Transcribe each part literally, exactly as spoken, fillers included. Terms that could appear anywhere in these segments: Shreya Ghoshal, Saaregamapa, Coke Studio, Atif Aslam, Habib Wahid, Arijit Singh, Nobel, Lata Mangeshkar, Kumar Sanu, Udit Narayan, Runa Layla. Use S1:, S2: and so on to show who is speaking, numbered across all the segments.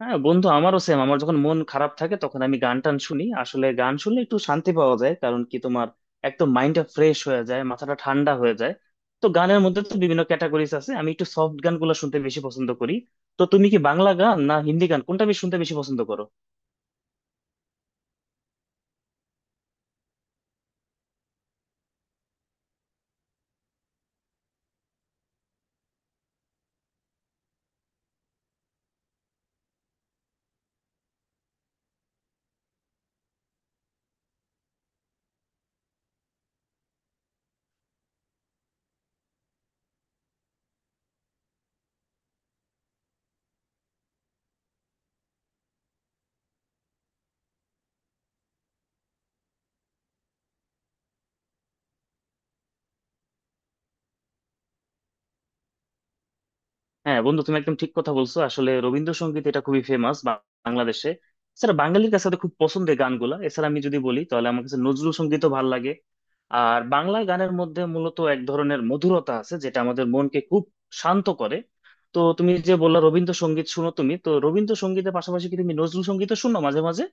S1: হ্যাঁ বন্ধু, আমারও সেম। আমার যখন মন খারাপ থাকে তখন আমি গান টান শুনি। আসলে গান শুনলে একটু শান্তি পাওয়া যায়। কারণ কি তোমার একদম মাইন্ডটা ফ্রেশ হয়ে যায়, মাথাটা ঠান্ডা হয়ে যায়। তো গানের মধ্যে তো বিভিন্ন ক্যাটাগরিজ আছে, আমি একটু সফট গানগুলো শুনতে বেশি পছন্দ করি। তো তুমি কি বাংলা গান না হিন্দি গান কোনটা বেশি শুনতে বেশি পছন্দ করো? হ্যাঁ বন্ধু, তুমি একদম ঠিক কথা বলছো। আসলে রবীন্দ্রসঙ্গীত এটা খুবই ফেমাস বাংলাদেশে। এছাড়া বাঙালির কাছে তো খুব পছন্দের গানগুলা। এছাড়া আমি যদি বলি তাহলে আমার কাছে নজরুল সঙ্গীতও ভালো লাগে। আর বাংলা গানের মধ্যে মূলত এক ধরনের মধুরতা আছে, যেটা আমাদের মনকে খুব শান্ত করে। তো তুমি যে বললা রবীন্দ্রসঙ্গীত শুনো, তুমি তো রবীন্দ্রসঙ্গীতের পাশাপাশি কি তুমি নজরুল সঙ্গীতও শুনো মাঝে মাঝে?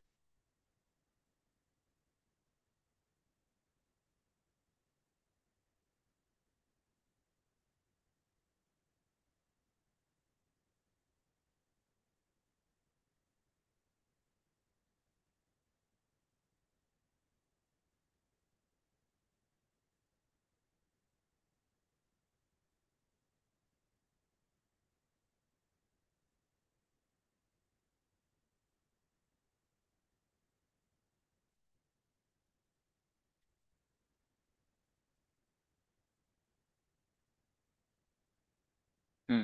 S1: হুম।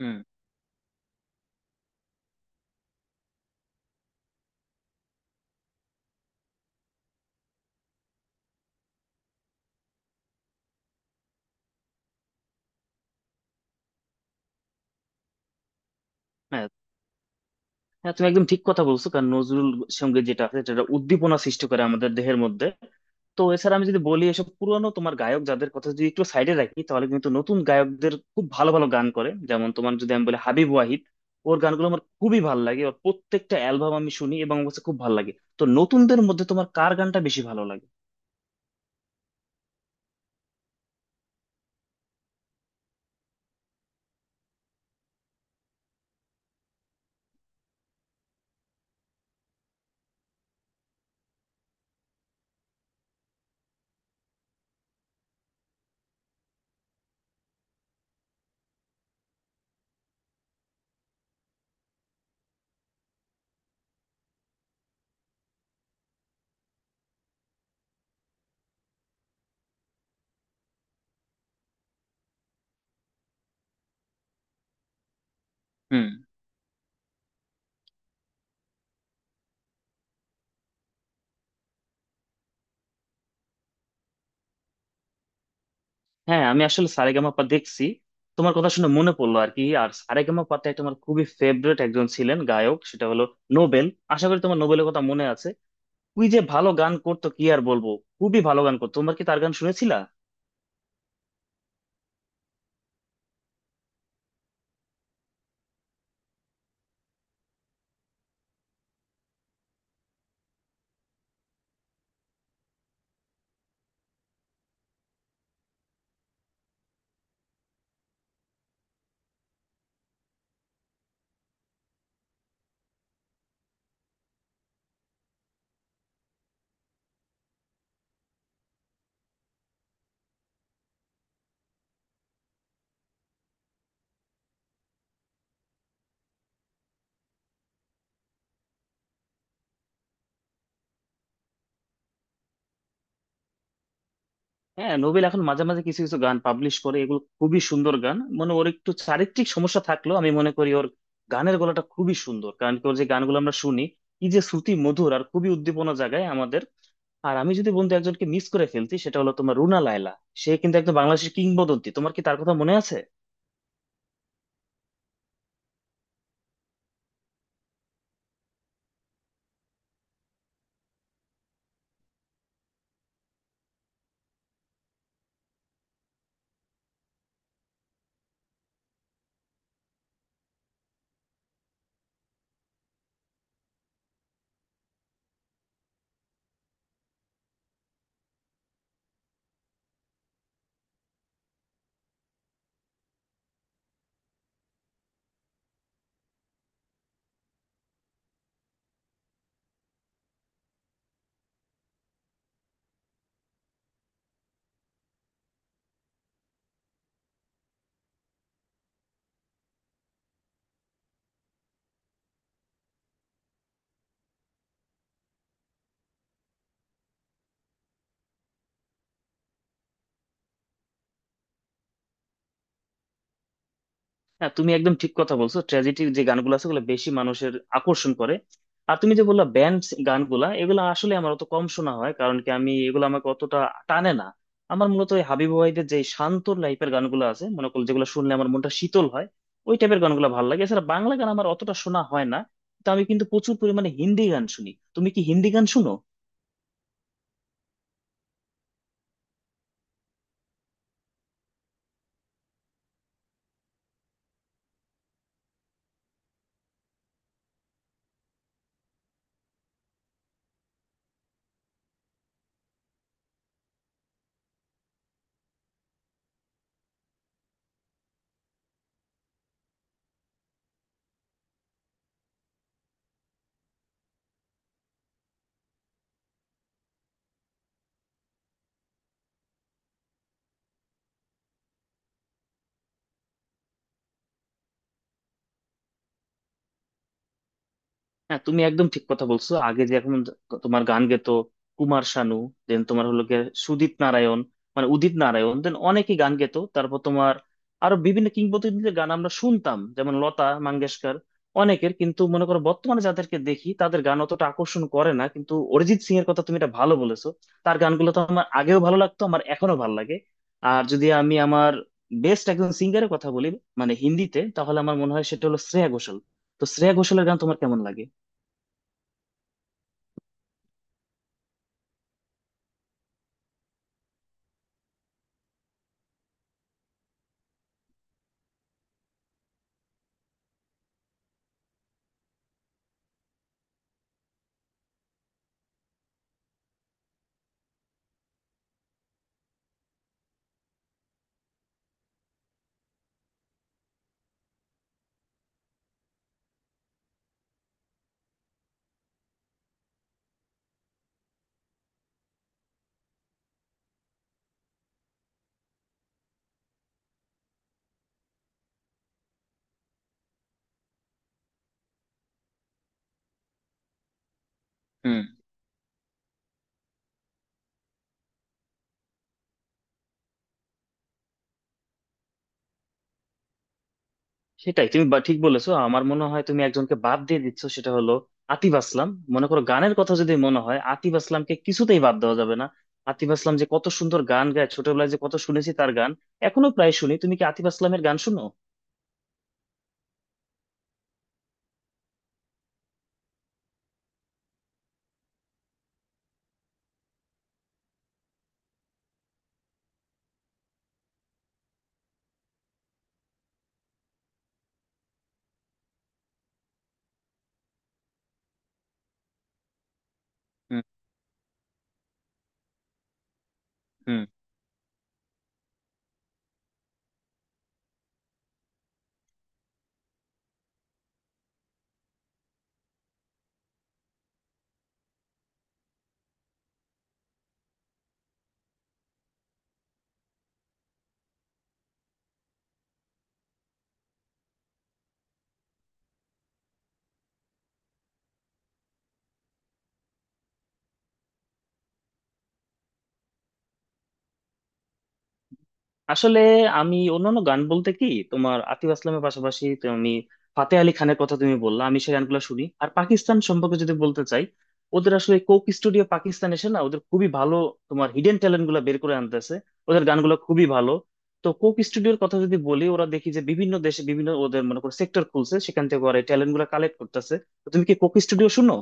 S1: হুম। হ্যাঁ। হ্যাঁ, তুমি একদম ঠিক কথা বলছো। কারণ নজরুল সঙ্গীত যেটা আছে সেটা একটা উদ্দীপনা সৃষ্টি করে আমাদের দেহের মধ্যে। তো এছাড়া আমি যদি বলি, এসব পুরনো তোমার গায়ক যাদের কথা যদি একটু সাইডে রাখি তাহলে কিন্তু নতুন গায়কদের খুব ভালো ভালো গান করে। যেমন তোমার যদি আমি বলি হাবিব ওয়াহিদ, ওর গানগুলো আমার খুবই ভালো লাগে। ওর প্রত্যেকটা অ্যালবাম আমি শুনি এবং আমার কাছে খুব ভালো লাগে। তো নতুনদের মধ্যে তোমার কার গানটা বেশি ভালো লাগে? হুম। হ্যাঁ, আমি আসলে সারেগামাপা দেখছি। তোমার কথা শুনে মনে পড়লো আর কি, আর সারেগামাপাতে একটা আমার খুবই ফেভারিট একজন ছিলেন গায়ক, সেটা হলো নোবেল। আশা করি তোমার নোবেলের কথা মনে আছে। ওই যে ভালো গান করতো, কি আর বলবো, খুবই ভালো গান করতো। তোমরা কি তার গান শুনেছিলা? হ্যাঁ, নোবেল এখন মাঝে মাঝে কিছু কিছু গান পাবলিশ করে, এগুলো খুবই সুন্দর গান। মানে ওর একটু চারিত্রিক সমস্যা থাকলেও আমি মনে করি ওর গানের গলাটা খুবই সুন্দর। কারণ কি ওর যে গানগুলো আমরা শুনি, কি যে শ্রুতি মধুর, আর খুবই উদ্দীপনা জাগায় আমাদের। আর আমি যদি বন্ধু একজনকে মিস করে ফেলছি, সেটা হলো তোমার রুনা লায়লা। সে কিন্তু একদম বাংলাদেশের কিংবদন্তি। তোমার কি তার কথা মনে আছে? হ্যাঁ, তুমি একদম ঠিক কথা বলছো। ট্র্যাজেডি যে গানগুলো আছে ওগুলো বেশি মানুষের আকর্ষণ করে। আর তুমি যে বললা ব্যান্ড গানগুলা, এগুলো আসলে আমার অত কম শোনা হয়। কারণ কি আমি এগুলো, আমাকে অতটা টানে না। আমার মূলত এই হাবিব ওয়াহিদের যে শান্ত টাইপের গানগুলো আছে, মনে করো যেগুলো শুনলে আমার মনটা শীতল হয়, ওই টাইপের গানগুলো ভালো লাগে। এছাড়া বাংলা গান আমার অতটা শোনা হয় না। তো আমি কিন্তু প্রচুর পরিমাণে হিন্দি গান শুনি। তুমি কি হিন্দি গান শুনো? হ্যাঁ, তুমি একদম ঠিক কথা বলছো। আগে যে এখন তোমার গান গেতো কুমার শানু, দেন তোমার হলো গিয়ে সুদীপ নারায়ণ, মানে উদিত নারায়ণ, দেন অনেকেই গান গেতো। তারপর তোমার আরো বিভিন্ন কিংবদন্তিদের গান আমরা শুনতাম, যেমন লতা মঙ্গেশকর, অনেকের। কিন্তু মনে করো বর্তমানে যাদেরকে দেখি তাদের গান অতটা আকর্ষণ করে না। কিন্তু অরিজিৎ সিং এর কথা তুমি এটা ভালো বলেছো। তার গানগুলো তো আমার আগেও ভালো লাগতো, আমার এখনো ভালো লাগে। আর যদি আমি আমার বেস্ট একজন সিঙ্গারের কথা বলি, মানে হিন্দিতে, তাহলে আমার মনে হয় সেটা হলো শ্রেয়া ঘোষাল। তো শ্রেয়া ঘোষালের গান তোমার কেমন লাগে? হুম। সেটাই, তুমি বা- ঠিক বলেছো। আমার মনে হয় তুমি একজনকে বাদ দিয়ে দিচ্ছ, সেটা হলো আতিফ আসলাম। মনে করো গানের কথা যদি মনে হয়, আতিফ আসলামকে কিছুতেই বাদ দেওয়া যাবে না। আতিফ আসলাম যে কত সুন্দর গান গায়, ছোটবেলায় যে কত শুনেছি তার গান, এখনো প্রায় শুনি। তুমি কি আতিফ আসলামের গান শুনো? হুম। হুম। আসলে আমি অন্যান্য গান বলতে কি, তোমার আতিফ আসলামের পাশাপাশি তুমি ফাতে আলি খানের কথা তুমি বললা, আমি সেই গানগুলো শুনি। আর পাকিস্তান সম্পর্কে যদি বলতে চাই, ওদের আসলে কোক স্টুডিও পাকিস্তান এসে না, ওদের খুবই ভালো তোমার হিডেন ট্যালেন্ট গুলা বের করে আনতেছে। ওদের গানগুলো খুবই ভালো। তো কোক স্টুডিওর কথা যদি বলি, ওরা দেখি যে বিভিন্ন দেশে বিভিন্ন ওদের মনে করো সেক্টর খুলছে, সেখান থেকে ওরা ট্যালেন্ট গুলা কালেক্ট করতেছে। তো তুমি কি কোক স্টুডিও শুনো?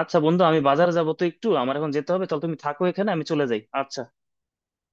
S1: আচ্ছা বন্ধু, আমি বাজারে যাবো তো, একটু আমার এখন যেতে হবে। তাহলে তুমি থাকো এখানে, আমি চলে যাই। আচ্ছা।